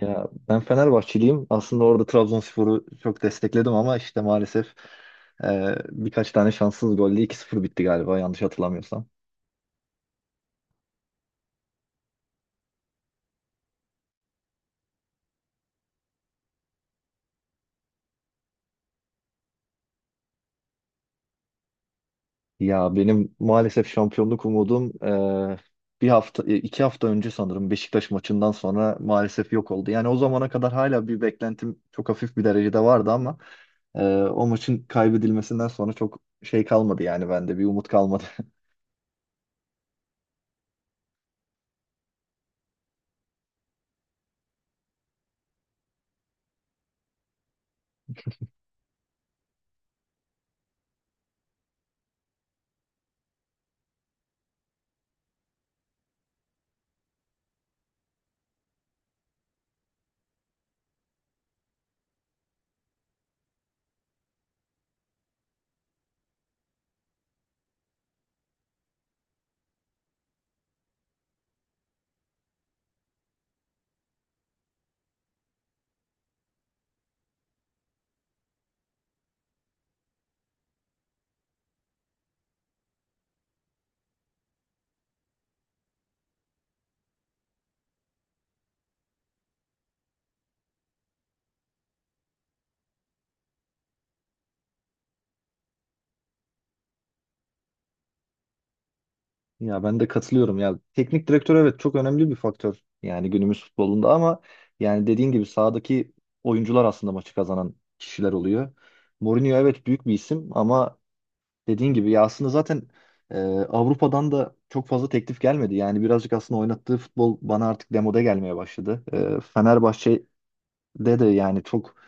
Ya ben Fenerbahçeliyim. Aslında orada Trabzonspor'u çok destekledim ama işte maalesef birkaç tane şanssız golle iki sıfır bitti galiba yanlış hatırlamıyorsam. Ya benim maalesef şampiyonluk umudum e, bir hafta iki hafta önce sanırım Beşiktaş maçından sonra maalesef yok oldu. Yani o zamana kadar hala bir beklentim çok hafif bir derecede vardı ama o maçın kaybedilmesinden sonra çok şey kalmadı yani bende bir umut kalmadı. Ya ben de katılıyorum ya. Teknik direktör evet çok önemli bir faktör yani günümüz futbolunda ama yani dediğin gibi sahadaki oyuncular aslında maçı kazanan kişiler oluyor. Mourinho evet büyük bir isim ama dediğin gibi ya aslında zaten Avrupa'dan da çok fazla teklif gelmedi. Yani birazcık aslında oynattığı futbol bana artık demode gelmeye başladı. Fenerbahçe'de de yani çok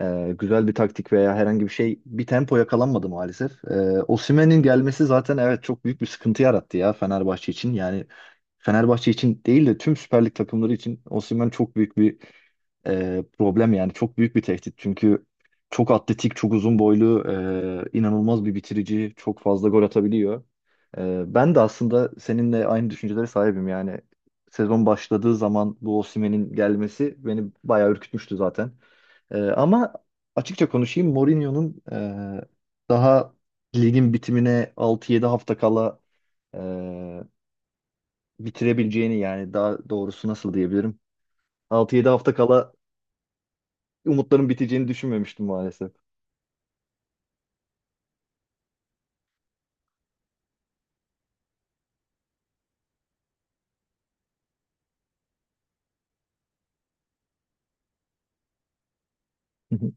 güzel bir taktik veya herhangi bir şey bir tempo yakalanmadı maalesef. Osimhen'in gelmesi zaten evet çok büyük bir sıkıntı yarattı ya Fenerbahçe için. Yani Fenerbahçe için değil de tüm Süper Lig takımları için Osimhen çok büyük bir problem yani çok büyük bir tehdit. Çünkü çok atletik, çok uzun boylu, inanılmaz bir bitirici, çok fazla gol atabiliyor. Ben de aslında seninle aynı düşüncelere sahibim yani. Sezon başladığı zaman bu Osimhen'in gelmesi beni bayağı ürkütmüştü zaten. Ama açıkça konuşayım Mourinho'nun daha ligin bitimine altı yedi hafta kala e, bitirebileceğini yani daha doğrusu nasıl diyebilirim? Altı yedi hafta kala umutların biteceğini düşünmemiştim maalesef. Hı hı.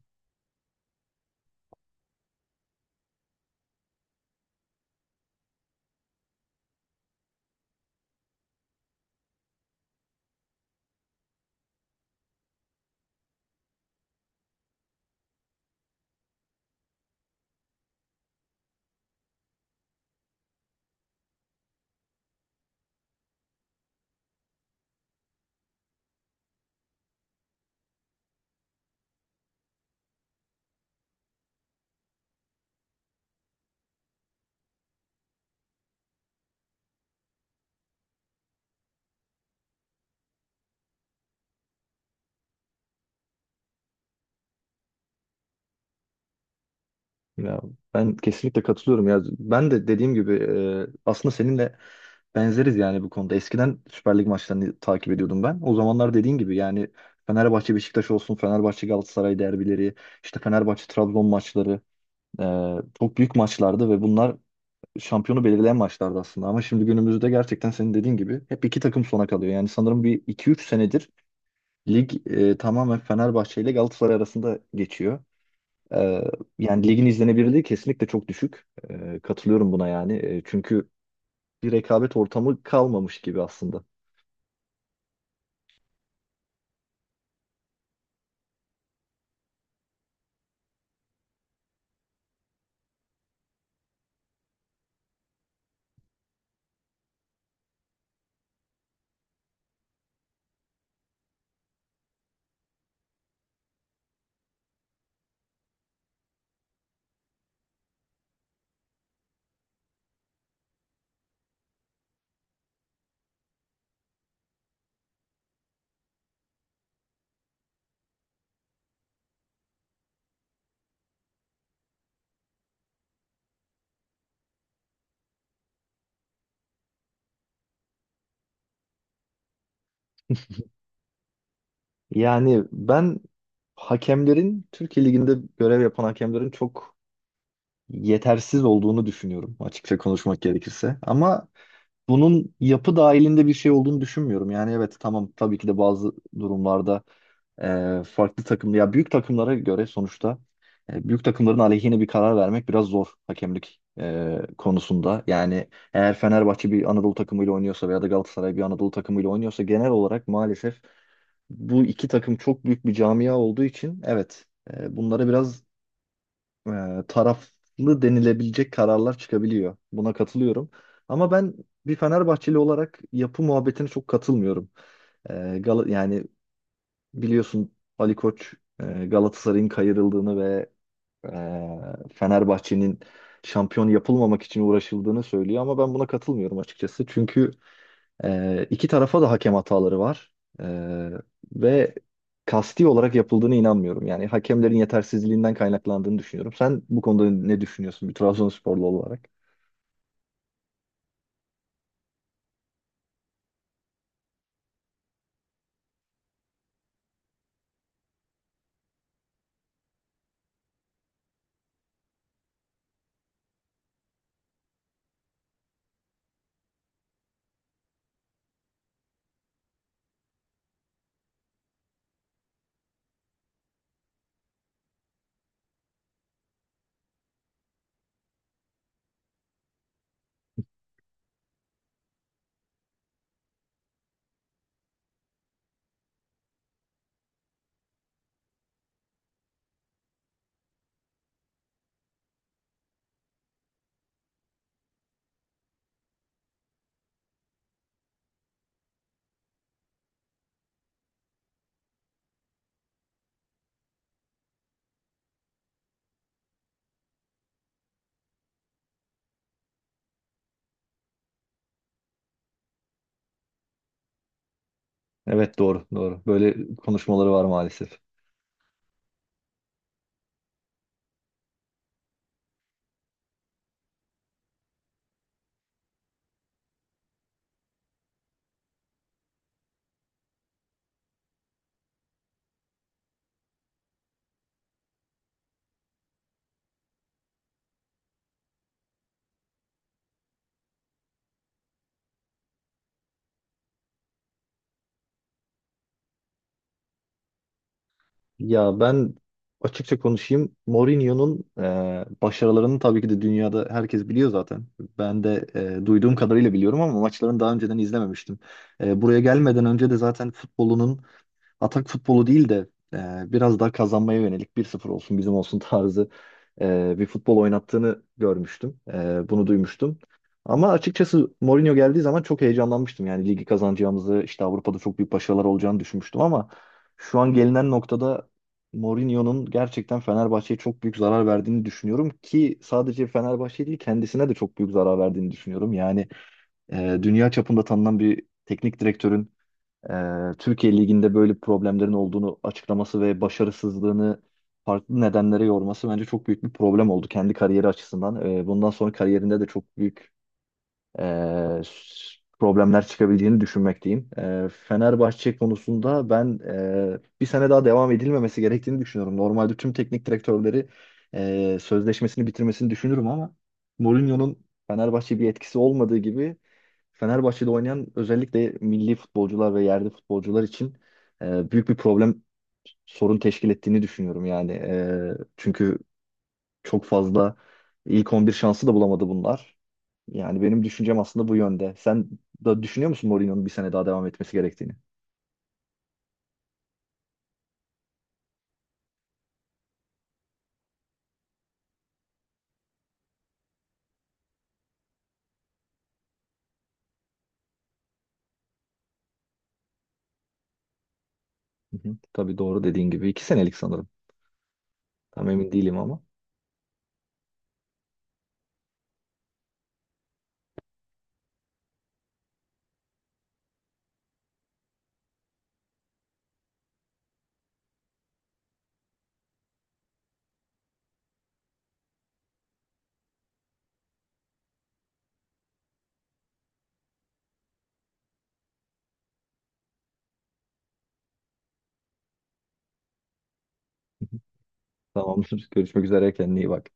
Ya ben kesinlikle katılıyorum ya. Ben de dediğim gibi aslında seninle benzeriz yani bu konuda. Eskiden Süper Lig maçlarını takip ediyordum ben. O zamanlar dediğin gibi yani Fenerbahçe Beşiktaş olsun, Fenerbahçe Galatasaray derbileri, işte Fenerbahçe Trabzon maçları. Çok büyük maçlardı ve bunlar şampiyonu belirleyen maçlardı aslında. Ama şimdi günümüzde gerçekten senin dediğin gibi hep iki takım sona kalıyor. Yani sanırım bir iki üç senedir lig tamamen Fenerbahçe ile Galatasaray arasında geçiyor. Ee, Yani ligin izlenebilirliği kesinlikle çok düşük. Katılıyorum buna yani. Çünkü bir rekabet ortamı kalmamış gibi aslında. Yani ben hakemlerin Türkiye Ligi'nde görev yapan hakemlerin çok yetersiz olduğunu düşünüyorum açıkça konuşmak gerekirse. Ama bunun yapı dahilinde bir şey olduğunu düşünmüyorum. Yani evet tamam tabii ki de bazı durumlarda farklı takım ya büyük takımlara göre sonuçta büyük takımların aleyhine bir karar vermek biraz zor hakemlik konusunda. Yani eğer Fenerbahçe bir Anadolu takımıyla oynuyorsa veya da Galatasaray bir Anadolu takımıyla oynuyorsa genel olarak maalesef bu iki takım çok büyük bir camia olduğu için evet bunlara biraz taraflı denilebilecek kararlar çıkabiliyor. Buna katılıyorum. Ama ben bir Fenerbahçeli olarak yapı muhabbetine çok katılmıyorum. Yani biliyorsun Ali Koç Galatasaray'ın kayırıldığını ve e, Fenerbahçe'nin şampiyon yapılmamak için uğraşıldığını söylüyor ama ben buna katılmıyorum açıkçası. Çünkü iki tarafa da hakem hataları var. Ee, Ve kasti olarak yapıldığına inanmıyorum. Yani hakemlerin yetersizliğinden kaynaklandığını düşünüyorum. Sen bu konuda ne düşünüyorsun bir Trabzonsporlu olarak? Evet doğru doğru. Böyle konuşmaları var maalesef. Ya ben açıkça konuşayım. Mourinho'nun başarılarını tabii ki de dünyada herkes biliyor zaten. Ben de duyduğum kadarıyla biliyorum ama maçlarını daha önceden izlememiştim. Buraya gelmeden önce de zaten futbolunun atak futbolu değil de biraz daha kazanmaya yönelik bir sıfır olsun bizim olsun tarzı bir futbol oynattığını görmüştüm. Bunu duymuştum. Ama açıkçası Mourinho geldiği zaman çok heyecanlanmıştım. Yani ligi kazanacağımızı, işte Avrupa'da çok büyük başarılar olacağını düşünmüştüm ama şu an gelinen noktada Mourinho'nun gerçekten Fenerbahçe'ye çok büyük zarar verdiğini düşünüyorum ki sadece Fenerbahçe değil kendisine de çok büyük zarar verdiğini düşünüyorum. Yani dünya çapında tanınan bir teknik direktörün Türkiye Ligi'nde böyle problemlerin olduğunu açıklaması ve başarısızlığını farklı nedenlere yorması bence çok büyük bir problem oldu kendi kariyeri açısından. Bundan sonra kariyerinde de çok büyük e, s- problemler çıkabileceğini düşünmekteyim. Fenerbahçe konusunda ben bir sene daha devam edilmemesi gerektiğini düşünüyorum. Normalde tüm teknik direktörleri sözleşmesini bitirmesini düşünürüm ama Mourinho'nun Fenerbahçe bir etkisi olmadığı gibi Fenerbahçe'de oynayan özellikle milli futbolcular ve yerli futbolcular için büyük bir problem sorun teşkil ettiğini düşünüyorum yani. Çünkü çok fazla ilk 11 şansı da bulamadı bunlar. Yani benim düşüncem aslında bu yönde. Sen da düşünüyor musun Mourinho'nun bir sene daha devam etmesi gerektiğini? Hı hı. Tabii doğru dediğin gibi. İki senelik sanırım. Tam emin değilim ama. Tamamdır. Görüşmek üzere. Kendine iyi bak.